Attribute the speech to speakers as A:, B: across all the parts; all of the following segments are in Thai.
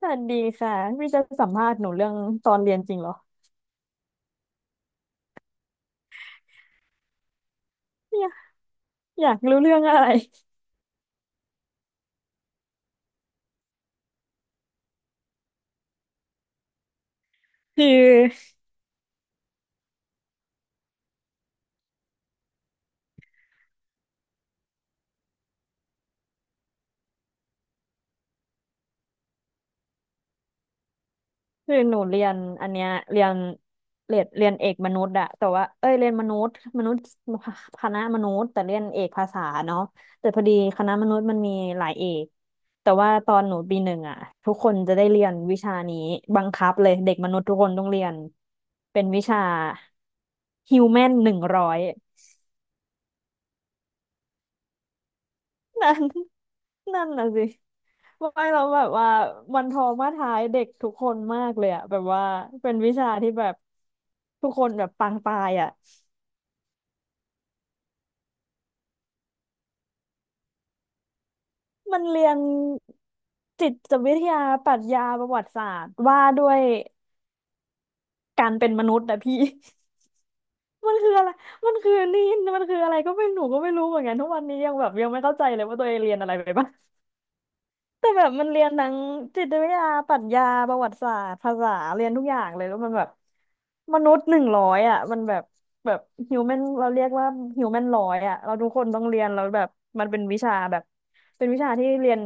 A: สวัสดีค่ะพี่จะสัมภาษณ์หนูเรื่องตอนเรียนจริงเหรอเนี่ยอยากรู้เรื่องอะไรคือคือหนูเรียนอันเนี้ยเรียนเอกมนุษย์อะแต่ว่าเอ้ยเรียนมนุษย์คณะมนุษย์แต่เรียนเอกภาษาเนาะแต่พอดีคณะมนุษย์มันมีหลายเอกแต่ว่าตอนหนูปีหนึ่งอะทุกคนจะได้เรียนวิชานี้บังคับเลยเด็กมนุษย์ทุกคนต้องเรียนเป็นวิชาฮิวแมนหนึ่งร้อย นั่น นั่นน่ะสิไม่เราแบบว่ามันทอมาท้ายเด็กทุกคนมากเลยอะแบบว่าเป็นวิชาที่แบบทุกคนแบบปางตายอะมันเรียนจิตวิทยาปรัชญาประวัติศาสตร์ว่าด้วยการเป็นมนุษย์นะพี่ มันคืออะไรมันคือนี่มันคืออะไรก็ไม่หนูก็ไม่รู้เหมือนกันทุกวันนี้ยังแบบยังไม่เข้าใจเลยว่าตัวเองเรียนอะไรไปบ้าง แต่แบบมันเรียนทั้งจิตวิทยาปรัชญาประวัติศาสตร์ภาษาเรียนทุกอย่างเลยแล้วมันแบบมนุษย์หนึ่งร้อยอ่ะมันแบบแบบฮิวแมนเราเรียกว่าฮิวแมนร้อยอ่ะเราทุกคนต้องเรียนแล้วแบบมันเป็นวิชาแบบเป็นวิชาที่เรียน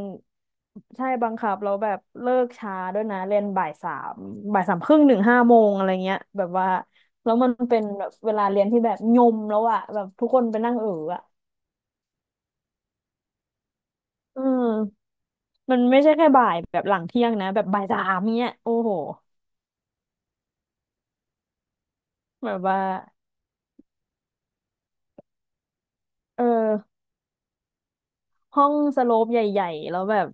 A: ใช่บังคับแล้วแบบเลิกช้าด้วยนะเรียนบ่ายสามบ่ายสามครึ่งถึงห้าโมงอะไรเงี้ยแบบว่าแล้วมันเป็นแบบเวลาเรียนที่แบบยมแล้วอ่ะแบบทุกคนไปนั่งอ่ะอืม มันไม่ใช่แค่บ่ายแบบหลังเที่ยงนะแบบบ่ายสามเนี้ยโอ้โหแบบว่าเออห้องสโลปใหญ่ๆแล้วแบบ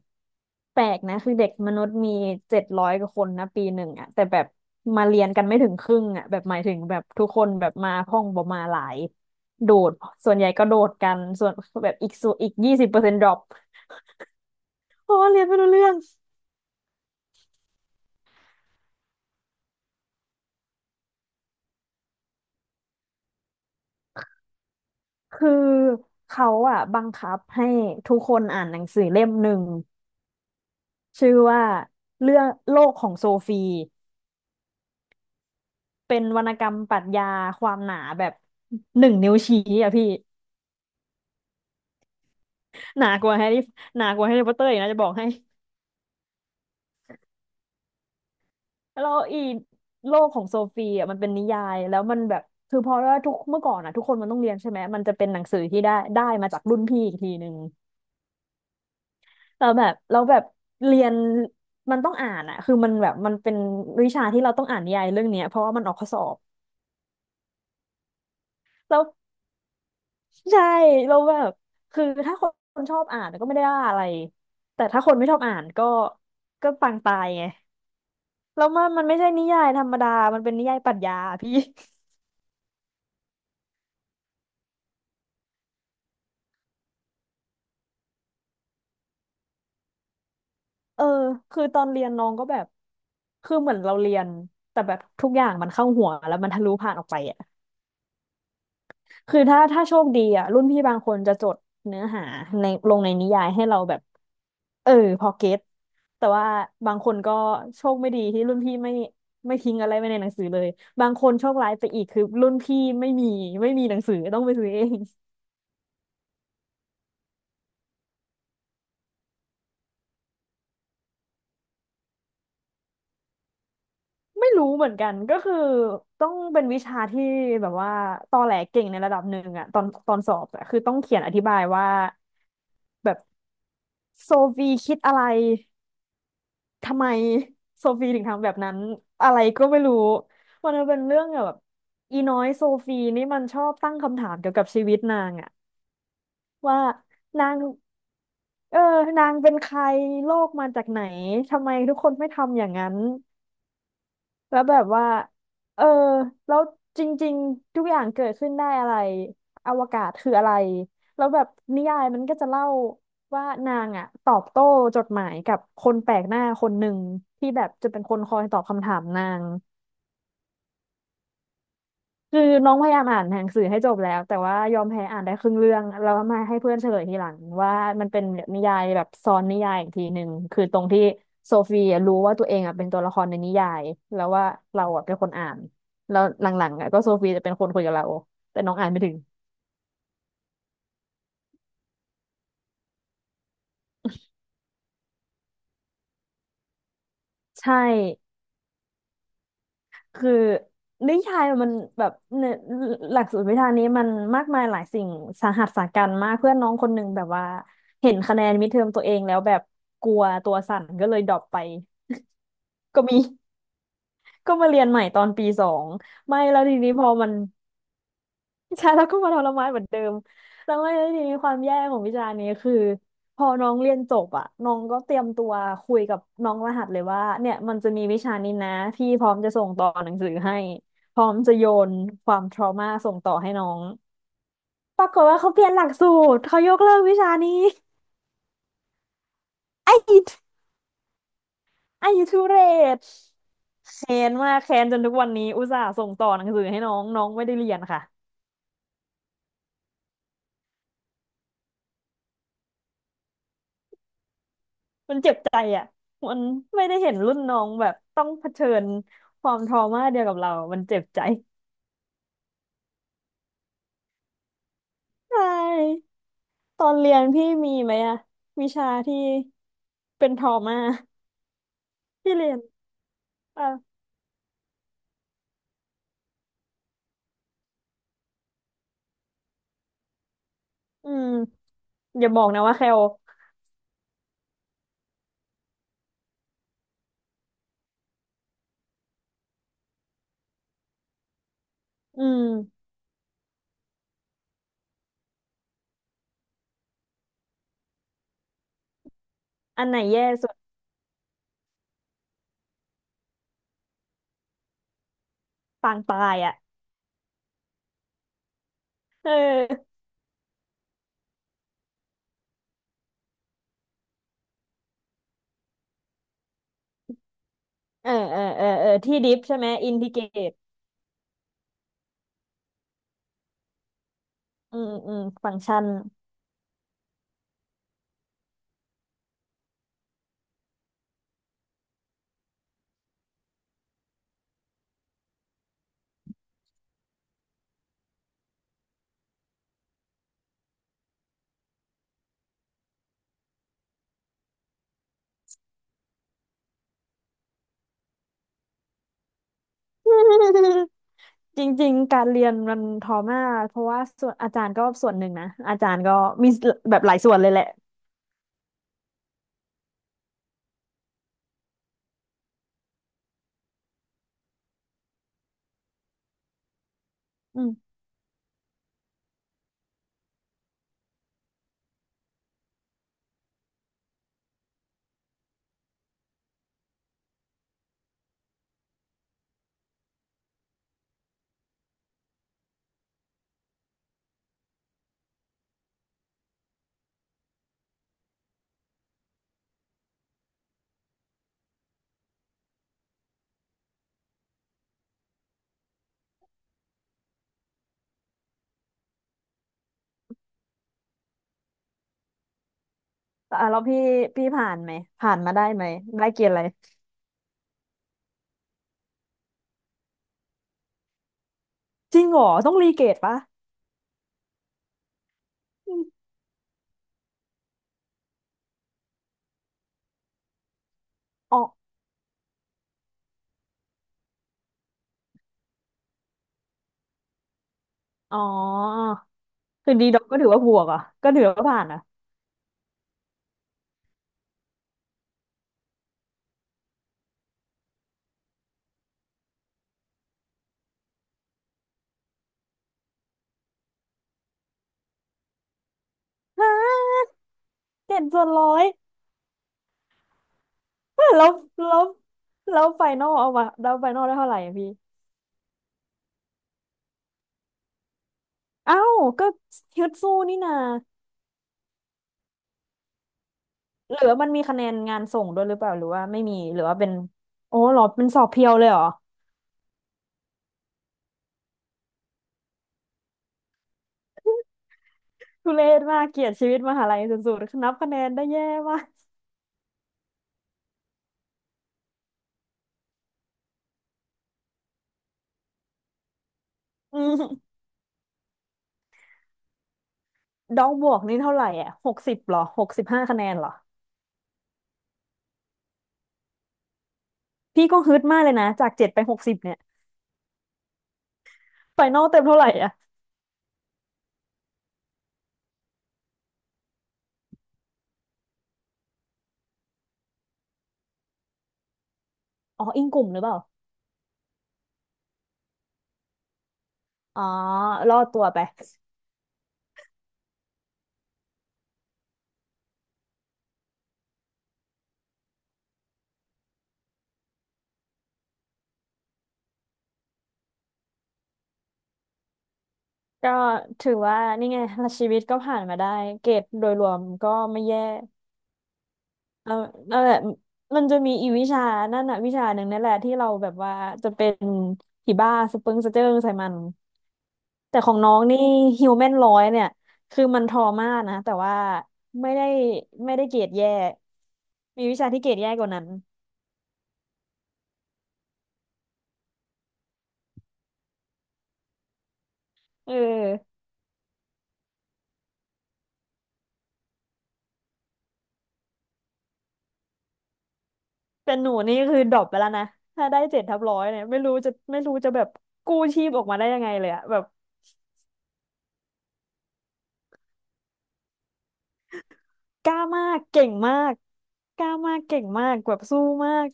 A: แปลกนะคือเด็กมนุษย์มี700กว่าคนนะปีหนึ่งอะแต่แบบมาเรียนกันไม่ถึงครึ่งอะแบบหมายถึงแบบทุกคนแบบมาห้องประมาณหลายโดดส่วนใหญ่ก็โดดกันส่วนแบบอีกส่วนอีก20%ดรอปเพราะว่าเรียนไม่รู้เรื่องคือเขาอะบังคับให้ทุกคนอ่านหนังสือเล่มหนึ่ง ชื่อว่าเรื่องโลกของโซฟีเป็นวรรณกรรมปรัชญาความหนาแบบหนึ่งนิ้วชี้อะพี่ หนากว่าแฮร์รี่หนากว่าแฮร์รี่พอตเตอร์อีกนะจะบอกให้แล้วอีโลกของโซฟีอ่ะมันเป็นนิยายแล้วมันแบบคือพอว่าทุกเมื่อก่อนอ่ะทุกคนมันต้องเรียนใช่ไหมมันจะเป็นหนังสือที่ได้มาจากรุ่นพี่อีกทีหนึ่งแล้วแบบเรียนมันต้องอ่านอ่ะคือมันแบบมันเป็นวิชาที่เราต้องอ่านนิยายเรื่องเนี้ยเพราะว่ามันออกข้อสอบแล้ว ใช่เราแบบคือถ้าคนชอบอ่านก็ไม่ได้ว่าอะไรแต่ถ้าคนไม่ชอบอ่านก็ก็ปังตายไงแล้วมันมันไม่ใช่นิยายธรรมดามันเป็นนิยายปรัชญาอะพี่ เออคือตอนเรียนน้องก็แบบคือเหมือนเราเรียนแต่แบบทุกอย่างมันเข้าหัวแล้วมันทะลุผ่านออกไปอ่ะคือถ้าโชคดีอ่ะรุ่นพี่บางคนจะจดเนื้อหาในลงในนิยายให้เราแบบเออพอเก็ต แต่ว่าบางคนก็โชคไม่ดีที่รุ่นพี่ไม่ทิ้งอะไรไว้ในหนังสือเลยบางคนโชคร้ายไปอีกคือรุ่นพี่ไม่มีหนังสือต้องไปซื้อเอง ไม่รู้เหมือนกันก็คือต้องเป็นวิชาที่แบบว่าตอแหลเก่งในระดับหนึ่งอะตอนสอบอะคือต้องเขียนอธิบายว่าแบบโซฟีคิดอะไรทำไมโซฟีถึงทำแบบนั้นอะไรก็ไม่รู้มันเป็นเรื่องแบบอีน้อยโซฟีนี่มันชอบตั้งคำถามเกี่ยวกับชีวิตนางอะว่านาง เออนางเป็นใคร โลกมาจากไหน ทำไมทุกคนไม่ทำอย่างนั้น แล้วแบบว่าเออแล้วจริงๆ ทุกอย่างเกิดขึ้นได้อะไรอวกาศคืออะไร แล้วแบบนิยายมันก็จะเล่าว่านางอะตอบโต้จดหมายกับคนแปลกหน้าคนหนึ่งที่แบบจะเป็นคนคอยตอบคำถามนาง คือน้องพยายามอ่านหนังสือให้จบแล้วแต่ว่ายอมแพ้อ่านได้ครึ่งเรื่องแล้วมาให้เพื่อนเฉลยทีหลังว่ามันเป็นนิยายแบบซ้อนนิยายอีกทีหนึ่งคือตรงที่โซฟีอะรู้ว่าตัวเองอ่ะเป็นตัวละครในนิยายแล้วว่าเราอ่ะเป็นคนอ่านแล้วหลังๆอ่ะก็โซฟีจะเป็นคนคุยกับเราแต่น้องอ่านไม่ถึงใช่คือนิยายมันแบบเนอหลักสูตรวิชานี้มันมากมายหลายสิ่งสาหัสสากัจมากเพื่อนน้องคนหนึ่งแบบว่าเห็นคะแนนมิดเทอมตัวเองแล้วแบบกลัวตัวสั่นก็เลยดรอปไป ก็มี ก็มาเรียนใหม่ตอนปีสองไม่แล้วทีนี้พอมัน ใช่แล้วก็มาทรมานเหมือนเดิมแล้วไม่แล้วทีนี้ความแย่ของวิชานี้คือพอน้องเรียนจบอ่ะน้องก็เตรียมตัวคุยกับน้องรหัสเลยว่าเนี่ยมันจะมีวิชานี้นะพี่พร้อมจะส่งต่อหนังสือให้พร้อมจะโยนความทรมาส่งต่อให้น้องปรากฏว่าเขาเปลี่ยนหลักสูตรเขายกเลิกวิชานี้ไอ้ไอ้ทุเรศแค้นมากแค้นจนทุกวันนี้อุตส่าห์ส่งต่อหนังสือให้น้องน้องไม่ได้เรียนค่ะ มันเจ็บใจอ่ะ มันไม่ได้เห็นรุ่นน้องแบบต้องเผชิญความทรมาเดียวกับเรา มันเจ็บใจใช่ตอนเรียนพี่มีไหมอ่ะวิชาที่เป็นทรมาที่เรียนอ่ะอืมอย่าบอกนะว่าแคลอืมอันไหนแย่สุดปางตายอ่ะเออเออที่ดิฟใช่ไหมอินทิเกรตอืมฟังก์ชัน จริงๆการเรียนมันทอมากเพราะว่าส่วนอาจารย์ก็ส่วนหนึ่งนะอาจารย์ก็มีแบบหลายส่วนเลยแหละอืมแต่อ่ะแล้วพี่ผ่านไหมผ่านมาได้ไหมได้เกรดอะไรจริงเหรอต้องรีเกรดปะอมอ๋ออ๋อคือดีด็อกก็ถือว่าบวกเหรอ่ะก็ถือว่าผ่านอ่ะฮะเจ็ดส่วนร้อยแล้วแล้วแล้วไฟนอลเอามาแล้วไฟนอลได้เท่าไหร่อะพี่เอ้าก็ฮึดสู้นี่นาหรือว่ามันมีคะแนนงานส่งด้วยหรือเปล่าหรือว่าไม่มีหรือว่าเป็นโอ้เหรอเป็นสอบเพียวเลยเหรอ ทุเรศมากเกลียดชีวิตมหาลัยสุดๆนับคะแนนได้แย่มาก อืมดองบวกนี่เท่าไหร่อ่ะหกสิบหรอหกสิบห้าคะแนนเหรอพี่ก็ฮึดมากเลยนะจากเจ็ดไปหกสิบเนี่ยไฟนอลเต็มเท่าไหร่อ่ะอ๋ออิงกลุ่มหรือเปล่าอ๋อรอดตัวไปก็ถือว่านี่ไงชีวิตก็ผ่านมาได้เกรดโดยรวมก็ไม่แย่ เอานั่นแหละมันจะมีอีวิชานั่นน่ะวิชาหนึ่งนั่นแหละที่เราแบบว่าจะเป็นผีบ้าสเปิงสะเจิงใส่มันแต่ของน้องนี่ฮิวแมนร้อยเนี่ยคือมันทรมานะแต่ว่าไม่ได้ไม่ได้เกรดแย่ มีวิชาที่เกรดแย่กว่านั้นเออแต่หนูนี่คือดรอปไปแล้วนะถ้าได้เจ็ดทับร้อยเนี่ยไม่รู้จะแบบกู้ชีพออกมาได้ยังไงเลยอะแบบกล้ามากเก่งมากกล้ามากเก่งมากแบบสู้มาก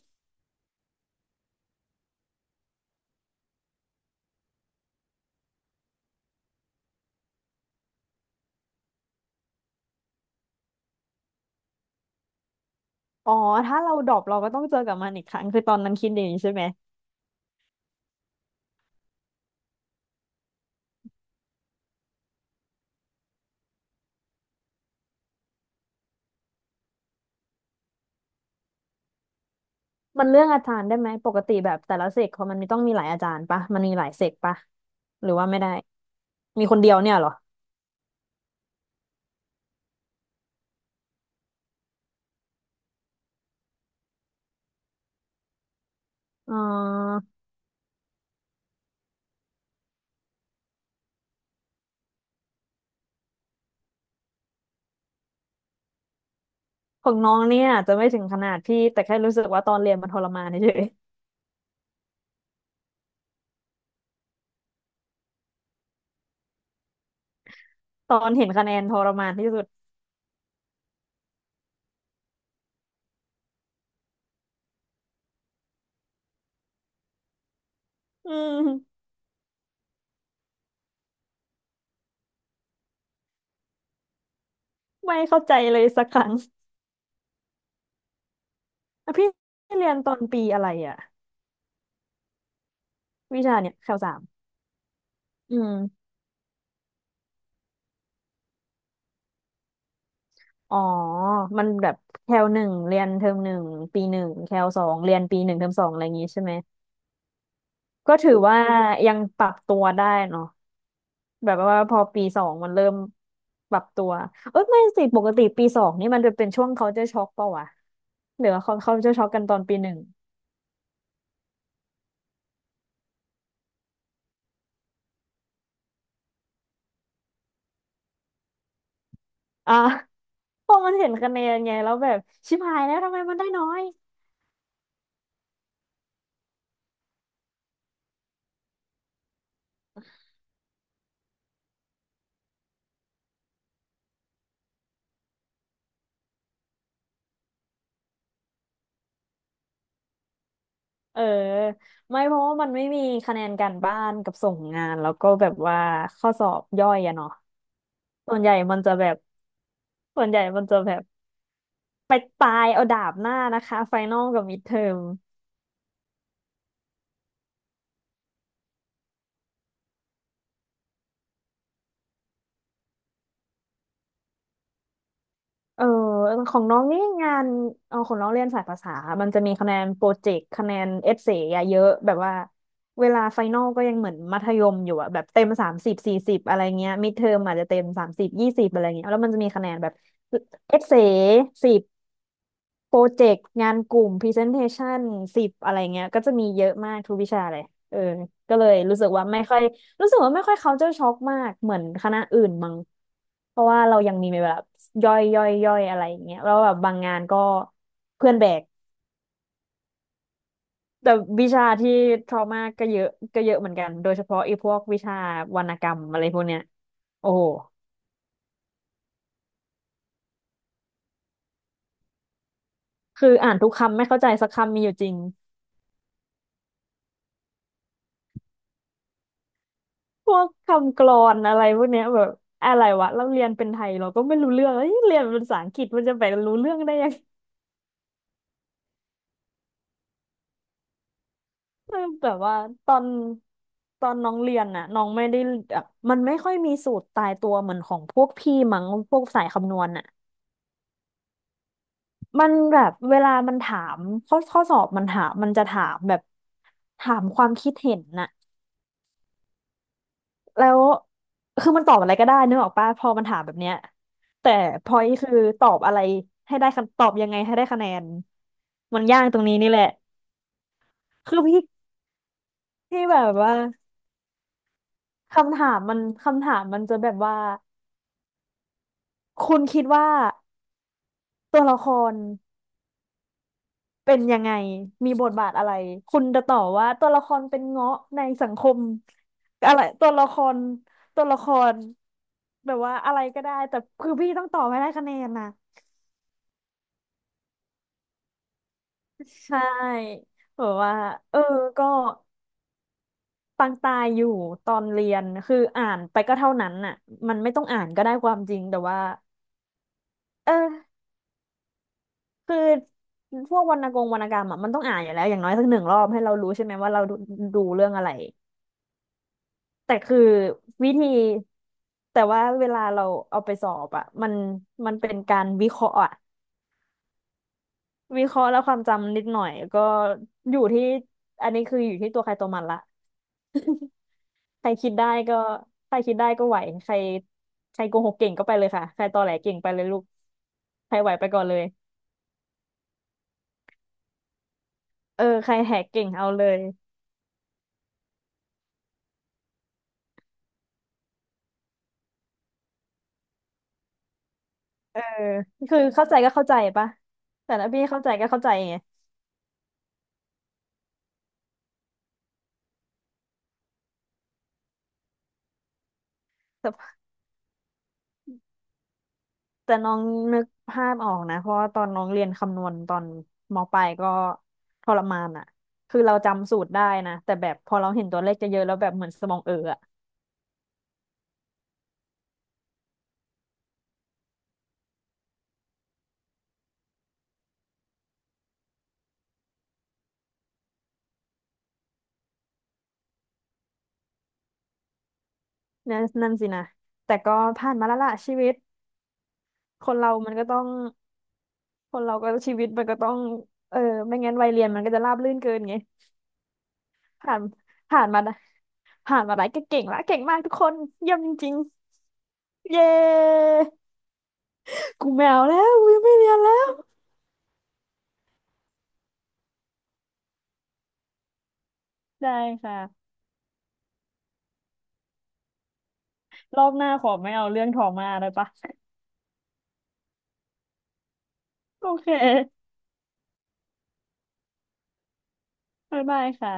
A: อ๋อถ้าเราดรอปเราก็ต้องเจอกับมันอีกครั้งคือตอนนั้นคิดอย่างนี้ใช่ไหมมันเรื่องอาจารย์ได้ไหมปกติแบบแต่ละเซกเขามันมีต้องมีหลายอาจารย์ปะมันมีหลายเซกปะหรือว่าไม่ได้มีคนเดียวเนี่ยเหรออ๋อของน้องเนี่ยอาจจะไม่ถึงขนาดพี่แต่แค่รู้สึกว่าตอนเรียนมันทรมานเฉยๆตอนเห็นคะแนนทรมานที่สุดอืมไม่เข้าใจเลยสักครั้งอ่ะพี่เรียนตอนปีอะไรอ่ะวิชาเนี่ยแคลสามอืม อ๋อมันแบบแคลหนึ่งเรียนเทอมหนึ่งปีหนึ่งแคลสองเรียนปีหนึ่งเทอมสองอะไรอย่างงี้ใช่ไหมก็ถือว่ายังปรับตัวได้เนาะแบบว่าพอปีสองมันเริ่มปรับตัวเอ้ยไม่สิปกติปีสองนี่มันจะเป็นช่วงเขาจะช็อกเปล่าวะหรือว่าเขาจะช็อกกันตอนปีหนึ่งอ่ะ เพราะมันเห็นคะแนนไงแล้วแบบชิบหายแล้วทำไมมันได้น้อยเออไม่เพราะว่ามันไม่มีคะแนนการบ้านกับส่งงานแล้วก็แบบว่าข้อสอบย่อยอะเนาะส่วนใหญ่มันจะแบบ ส่วนใหญ่มันจะแบบไปตายเอาดาบหน้านะคะไฟนอลกับมิดเทอมเออของน้องนี่งานเออของน้องเรียนสายภาษา มันจะมีคะแนนโปรเจกต์คะแนนเอเซ่ะเยอะแบบว่าเวลาไฟนอลก็ยังเหมือนมัธยมอยู่อะแบบเต็มสามสิบสี่สิบอะไรเงี้ยมิดเทอมอาจจะเต็มสามสิบยี่สิบอะไรเงี้ยแล้วมันจะมีคะแนนแบบเอเซ่สิบ โปรเจกต์งานกลุ่ม Presentation สิบอะไรเงี้ยก็จะมีเยอะมากทุกวิชาเลยเออก็เลยรู้สึกว่าไม่ค่อยรู้สึกว่าไม่ค่อย culture shock มากเหมือนคณะอื่นมั้งเพราะว่าเรายังมีแบบย่อยย่อยย่อยอะไรอย่างเงี้ยแล้วแบบบางงานก็เพื่อนแบกแต่วิชาที่ trauma ก็เยอะเหมือนกันโดยเฉพาะไอ้พวกวิชาวรรณกรรมอะไรพวกเนี้ยโอ้โหคืออ่านทุกคำไม่เข้าใจสักคำมีอยู่จริง พวกคำกลอนอะไรพวกเนี้ยแบบอะไรวะเราเรียนเป็นไทยเราก็ไม่รู้เรื่องเอ้ยเรียนเป็นภาษาอังกฤษมันจะไปรู้เรื่องได้ยังเออ แบบว่าตอนตอนน้องเรียนน่ะน้องไม่ได้แบบมันไม่ค่อยมีสูตรตายตัวเหมือนของพวกพี่มั้งพวกสายคำนวณน่ะมันแบบเวลามันถามข้อสอบมันถามมันจะถามแบบถามความคิดเห็นน่ะแล้วคือมันตอบอะไรก็ได้นึกออกปะพอมันถามแบบเนี้ยแต่พอยคือตอบอะไรให้ได้คะตอบยังไงให้ได้คะแนน มันยากตรงนี้นี่แหละ คือพี่แบบว่าคำถามมันจะแบบว่า คุณคิดว่าตัวละครเป็นยังไง มีบทบาทอะไรคุณจะตอบว่าตัวละครเป็นเงาะในสังคมอะไร ตัวละคร ตัวละครแบบว่าอะไรก็ได้แต่คือพี่ต้องตอบให้ได้คะแนนนะใช่แบบว่าเออก็ปังตายอยู่ตอนเรียนคืออ่านไปก็เท่านั้นน่ะมันไม่ต้องอ่านก็ได้ความจริงแต่ว่าเออ คือพวกวรรณกงวรรณกรรมอ่ะมันต้องอ่านอยู่แล้วอย่างน้อยสักหนึ่งรอบให้เรารู้ใช่ไหมว่าเราดูเรื่องอะไรแต่คือวิธีแต่ว่าเวลาเราเอาไปสอบอ่ะมันเป็นการวิเคราะห์อะวิเคราะห์แล้วความจำนิดหน่อยก็อยู่ที่อันนี้คืออยู่ที่ตัวใครตัวมันละ ใครคิดได้ก็ไหวใครใครโกหกเก่งก็ไปเลยค่ะใครตอแหลเก่งไปเลยลูกใครไหวไปก่อนเลยเออใครแหกเก่งเอาเลย เออคือเข้าใจก็เข้าใจปะแต่ละพี่เข้าใจก็เข้าใจไงแต่น้องนึกภาพออกนะเพราะว่าตอนน้องเรียนคำนวณตอนมปลายก็ทรมานอ่ะคือเราจำสูตรได้นะแต่แบบพอเราเห็นตัวเลขจะเยอะๆแล้วแบบเหมือนสมองเอออะนั่นสินะแต่ก็ผ่านมาแล้วล่ะชีวิตคนเรามันก็ต้องคนเราก็ชีวิตมันก็ต้องเออไม่งั้นวัยเรียนมันก็จะราบรื่นเกินไงผ่านผ่านมาผ่านมาได้ก็เก่งละเก่งมากทุกคนเยี่ยมจริงๆเย้ กูแมวแล้วกูยังไม่เรียนแล้วได้ค่ะรอบหน้าขอไม่เอาเรื่องทออมาได้ปะโอเคบ๊ายบายค่ะ